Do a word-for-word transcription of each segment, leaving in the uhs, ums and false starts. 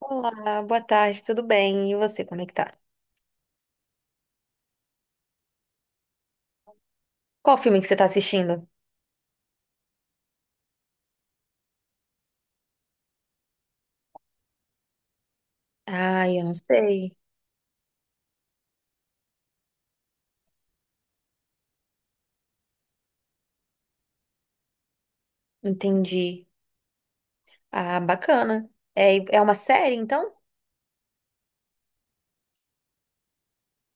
Olá, boa tarde, tudo bem? E você, como é que tá? Qual filme que você tá assistindo? Ah, eu não sei. Entendi. Ah, bacana. É, é uma série, então?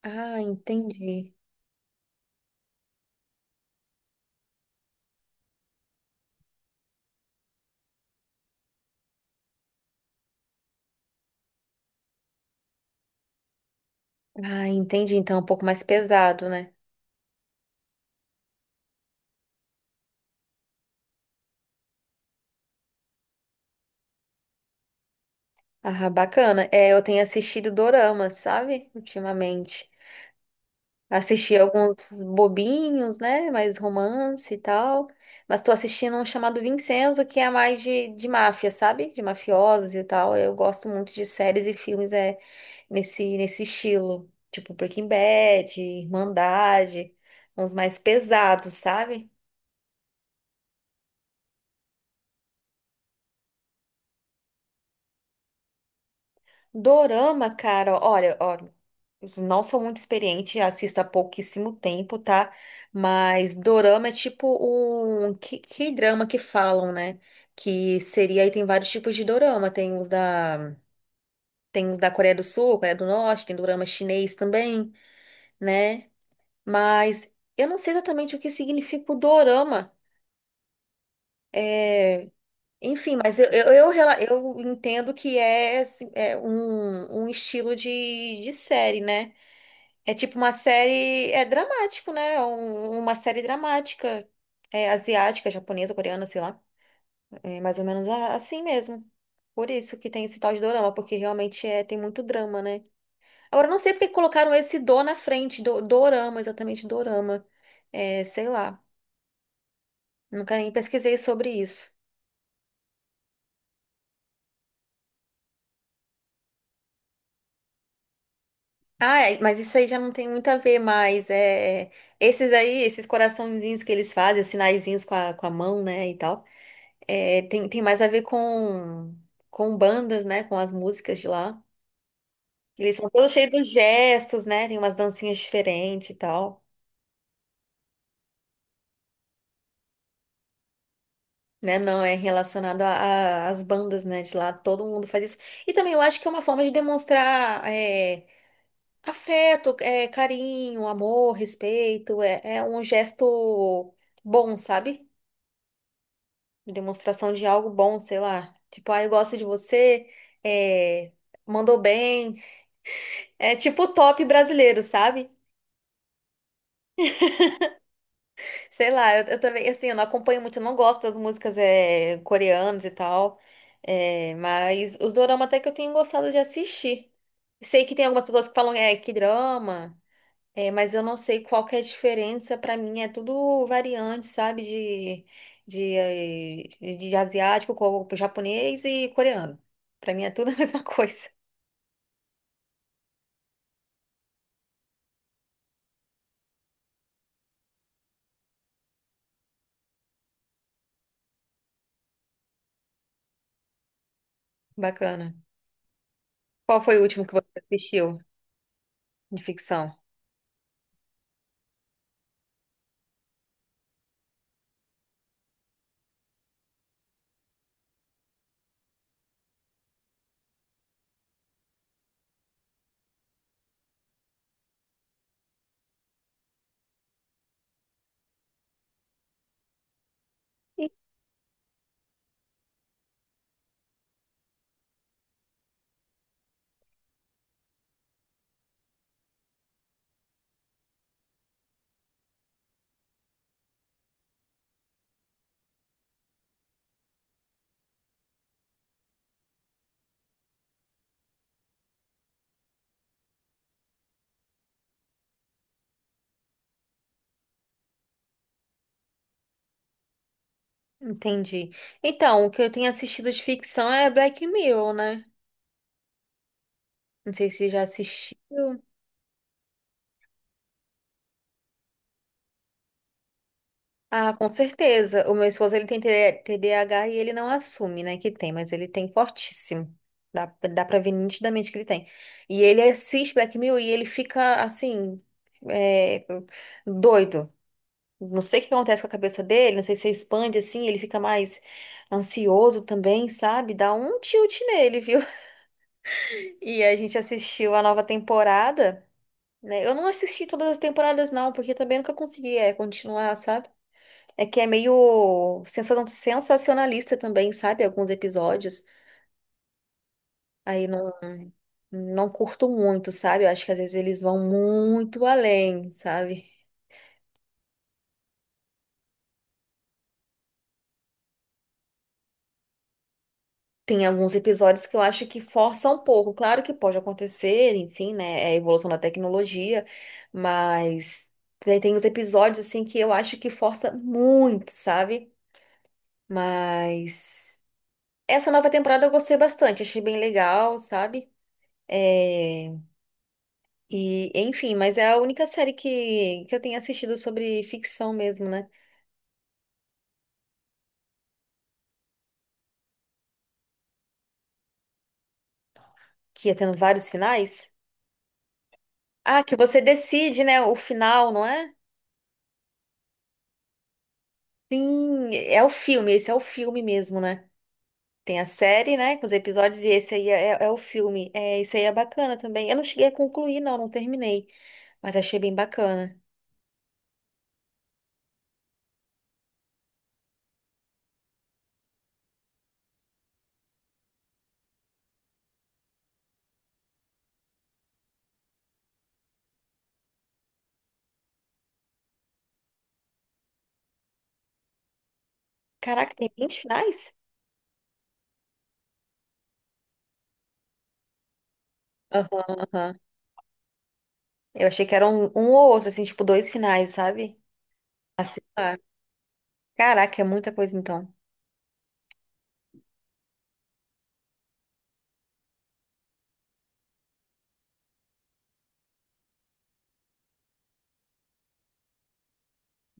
Ah, entendi. Ah, entendi. Então é um pouco mais pesado, né? Ah, bacana. É, eu tenho assistido dorama, sabe? Ultimamente. Assisti alguns bobinhos, né? Mais romance e tal. Mas tô assistindo um chamado Vincenzo, que é mais de, de máfia, sabe? De mafiosos e tal. Eu gosto muito de séries e filmes é, nesse, nesse estilo. Tipo Breaking Bad, Irmandade, uns mais pesados, sabe? Dorama, cara, olha, ó, não sou muito experiente, assisto há pouquíssimo tempo, tá? Mas dorama é tipo um que, que drama que falam, né? Que seria aí tem vários tipos de dorama, tem os da tem os da Coreia do Sul, Coreia do Norte, tem dorama chinês também, né? Mas eu não sei exatamente o que significa o dorama. É, enfim, mas eu, eu, eu, rela- eu entendo que é, assim, é um, um estilo de, de série, né? É tipo uma série. É dramático, né? É um- uma série dramática. É asiática, japonesa, coreana, sei lá. É mais ou menos a- assim mesmo. Por isso que tem esse tal de dorama, porque realmente é, tem muito drama, né? Agora, eu não sei porque colocaram esse do na frente, do, dorama, exatamente dorama. É, sei lá. Nunca nem pesquisei sobre isso. Ah, é, mas isso aí já não tem muito a ver mais. É, é, esses aí, esses coraçõezinhos que eles fazem, os sinaizinhos com a, com a mão, né, e tal. É, tem, tem mais a ver com, com bandas, né? Com as músicas de lá. Eles são todos cheios de gestos, né? Tem umas dancinhas diferentes e tal. Né? Não, é relacionado a- a- às bandas, né? De lá, todo mundo faz isso. E também eu acho que é uma forma de demonstrar é, afeto, é, carinho, amor, respeito. É, é um gesto bom, sabe? Demonstração de algo bom, sei lá. Tipo, ah, eu gosto de você, é, mandou bem. É tipo o top brasileiro, sabe? Sei lá, eu, eu também, assim, eu não acompanho muito, eu não gosto das músicas é, coreanas e tal, é, mas os dorama até que eu tenho gostado de assistir. Sei que tem algumas pessoas que falam, é, que drama, é, mas eu não sei qual que é a diferença, pra mim é tudo variante, sabe, de, de, eh, de, de asiático, co- japonês e coreano. Pra mim é tudo a mesma coisa. Bacana. Qual foi o último que você assistiu de ficção? Entendi. Então, o que eu tenho assistido de ficção é Black Mirror, né? Não sei se já assistiu. Ah, com certeza. O meu esposo, ele tem T D A H e ele não assume, né, que tem, mas ele tem fortíssimo. Dá, dá pra ver nitidamente que ele tem. E ele assiste Black Mirror e ele fica, assim, é, doido. Não sei o que acontece com a cabeça dele, não sei se expande, assim, ele fica mais ansioso também, sabe? Dá um tilt nele, viu? E a gente assistiu a nova temporada. Né? Eu não assisti todas as temporadas, não, porque também nunca consegui é, continuar, sabe? É que é meio sensa- sensacionalista também, sabe? Alguns episódios. Aí não, não curto muito, sabe? Eu acho que às vezes eles vão muito além, sabe? Tem alguns episódios que eu acho que forçam um pouco. Claro que pode acontecer, enfim, né? É a evolução da tecnologia, mas tem tem os episódios, assim, que eu acho que força muito, sabe? Mas. Essa nova temporada eu gostei bastante, achei bem legal, sabe? É, e, enfim, mas é a única série que, que eu tenho assistido sobre ficção mesmo, né? Que ia tendo vários finais. Ah, que você decide, né, o final, não é? Sim, é o filme, esse é o filme mesmo, né? Tem a série, né, com os episódios, e esse aí é, é é o filme. É, isso aí é bacana também. Eu não cheguei a concluir, não, não terminei, mas achei bem bacana. Caraca, tem vinte finais? Aham, aham. Eu achei que era um, um ou outro, assim, tipo, dois finais, sabe? Ah, sei lá. Caraca, é muita coisa então.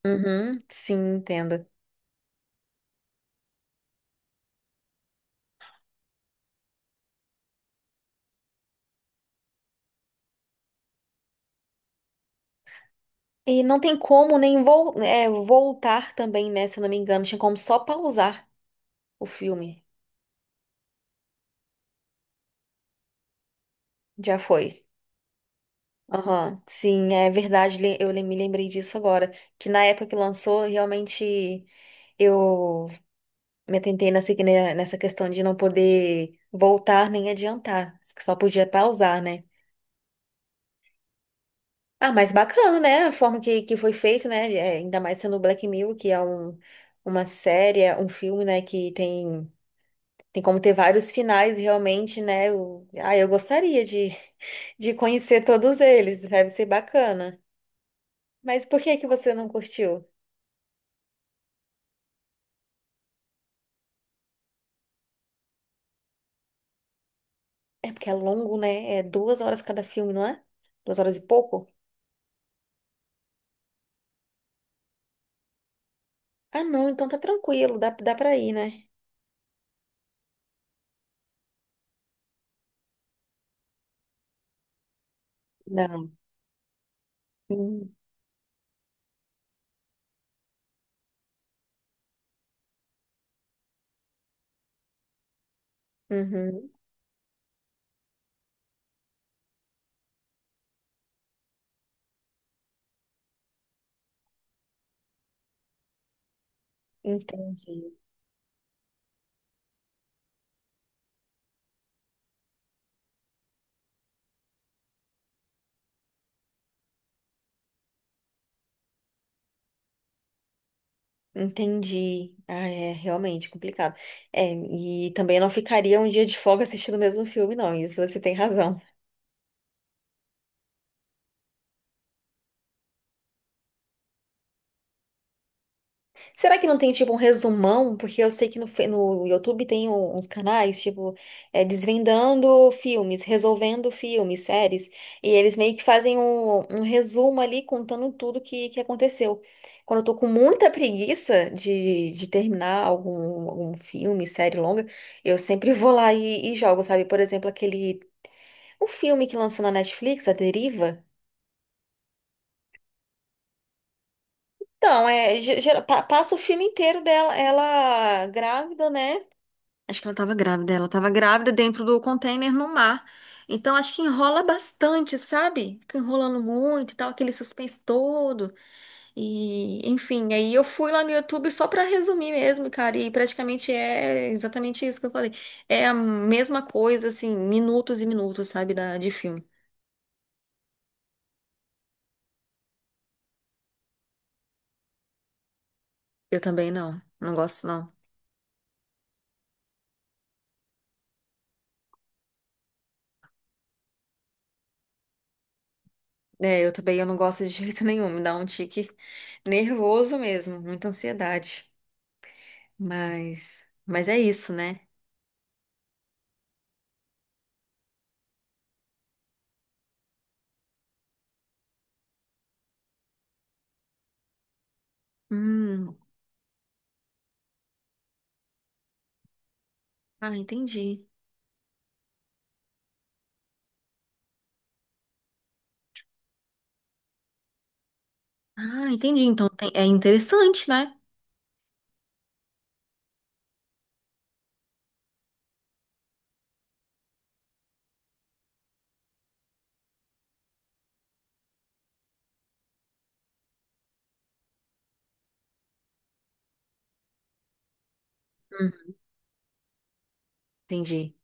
Uhum, sim, entendo. E não tem como nem vol é, voltar também, né? Se eu não me engano, tinha como só pausar o filme. Já foi. Aham, sim, é verdade, le- eu le- me lembrei disso agora. Que na época que lançou, realmente eu me atentei nessa, que- né, nessa questão de não poder voltar nem adiantar, que só podia pausar, né? Ah, mas bacana, né? A forma que, que foi feito, né? É, ainda mais sendo Black Mirror, que é um, uma série, é um filme, né? Que tem, tem como ter vários finais, realmente, né? Eu, ah, eu gostaria de, de conhecer todos eles, deve ser bacana. Mas por que que você não curtiu? É porque é longo, né? É duas horas cada filme, não é? Duas horas e pouco? Ah, não, então tá tranquilo, dá, dá pra ir, né? Não. Hum. Uhum, entendi. Entendi. Ah, é realmente complicado. É, e também eu não ficaria um dia de folga assistindo o mesmo filme, não. Isso você tem razão. Será que não tem, tipo, um resumão? Porque eu sei que no, fe- no YouTube tem um- uns canais, tipo, é, desvendando filmes, resolvendo filmes, séries. E eles meio que fazem um, um resumo ali, contando tudo que, que aconteceu. Quando eu tô com muita preguiça de, de terminar algum, algum filme, série longa, eu sempre vou lá e, e jogo, sabe? Por exemplo, aquele. O filme que lançou na Netflix, A Deriva? Então, é, ge- gera- pa- passa o filme inteiro dela, ela grávida, né? Acho que ela tava grávida, ela tava grávida dentro do container no mar. Então, acho que enrola bastante, sabe? Fica enrolando muito e tal, aquele suspense todo. E, enfim, aí eu fui lá no YouTube só pra resumir mesmo, cara. E praticamente é exatamente isso que eu falei. É a mesma coisa, assim, minutos e minutos, sabe, da, de filme. Eu também não, não gosto, não. É, eu também eu não gosto de jeito nenhum, me dá um tique nervoso mesmo, muita ansiedade. Mas, mas é isso, né? Hum, ah, entendi. Ah, entendi. Então tem- é interessante, né? Hum, entendi.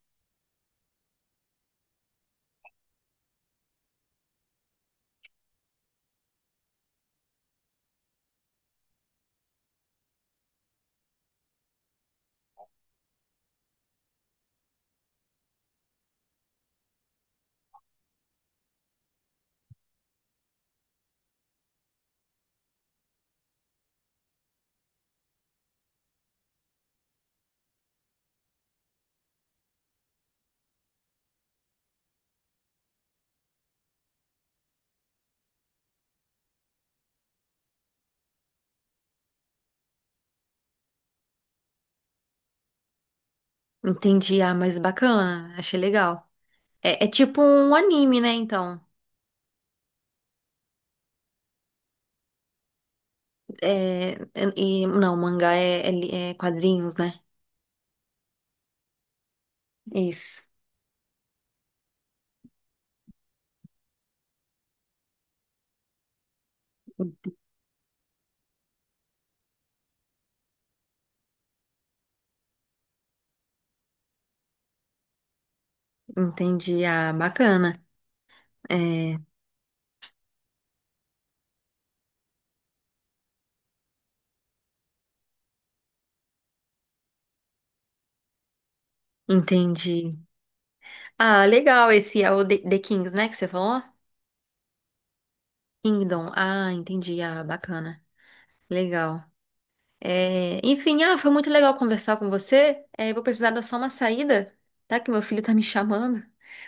Entendi. Ah, mas bacana, achei legal. É, é tipo um anime, né? Então, é, é- e, não, mangá é, é li- é quadrinhos, né? Isso. Entendi. Ah, bacana. É, entendi. Ah, legal esse é o The The Kings, né, que você falou? Kingdom. Ah, entendi. Ah, bacana. Legal. É, enfim, ah, foi muito legal conversar com você. É, eu vou precisar dar só uma saída, tá? Que meu filho tá me chamando.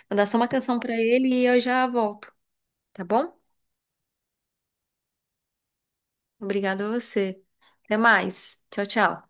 Vou dar só uma atenção pra ele e eu já volto, tá bom? Obrigada a você. Até mais. Tchau, tchau.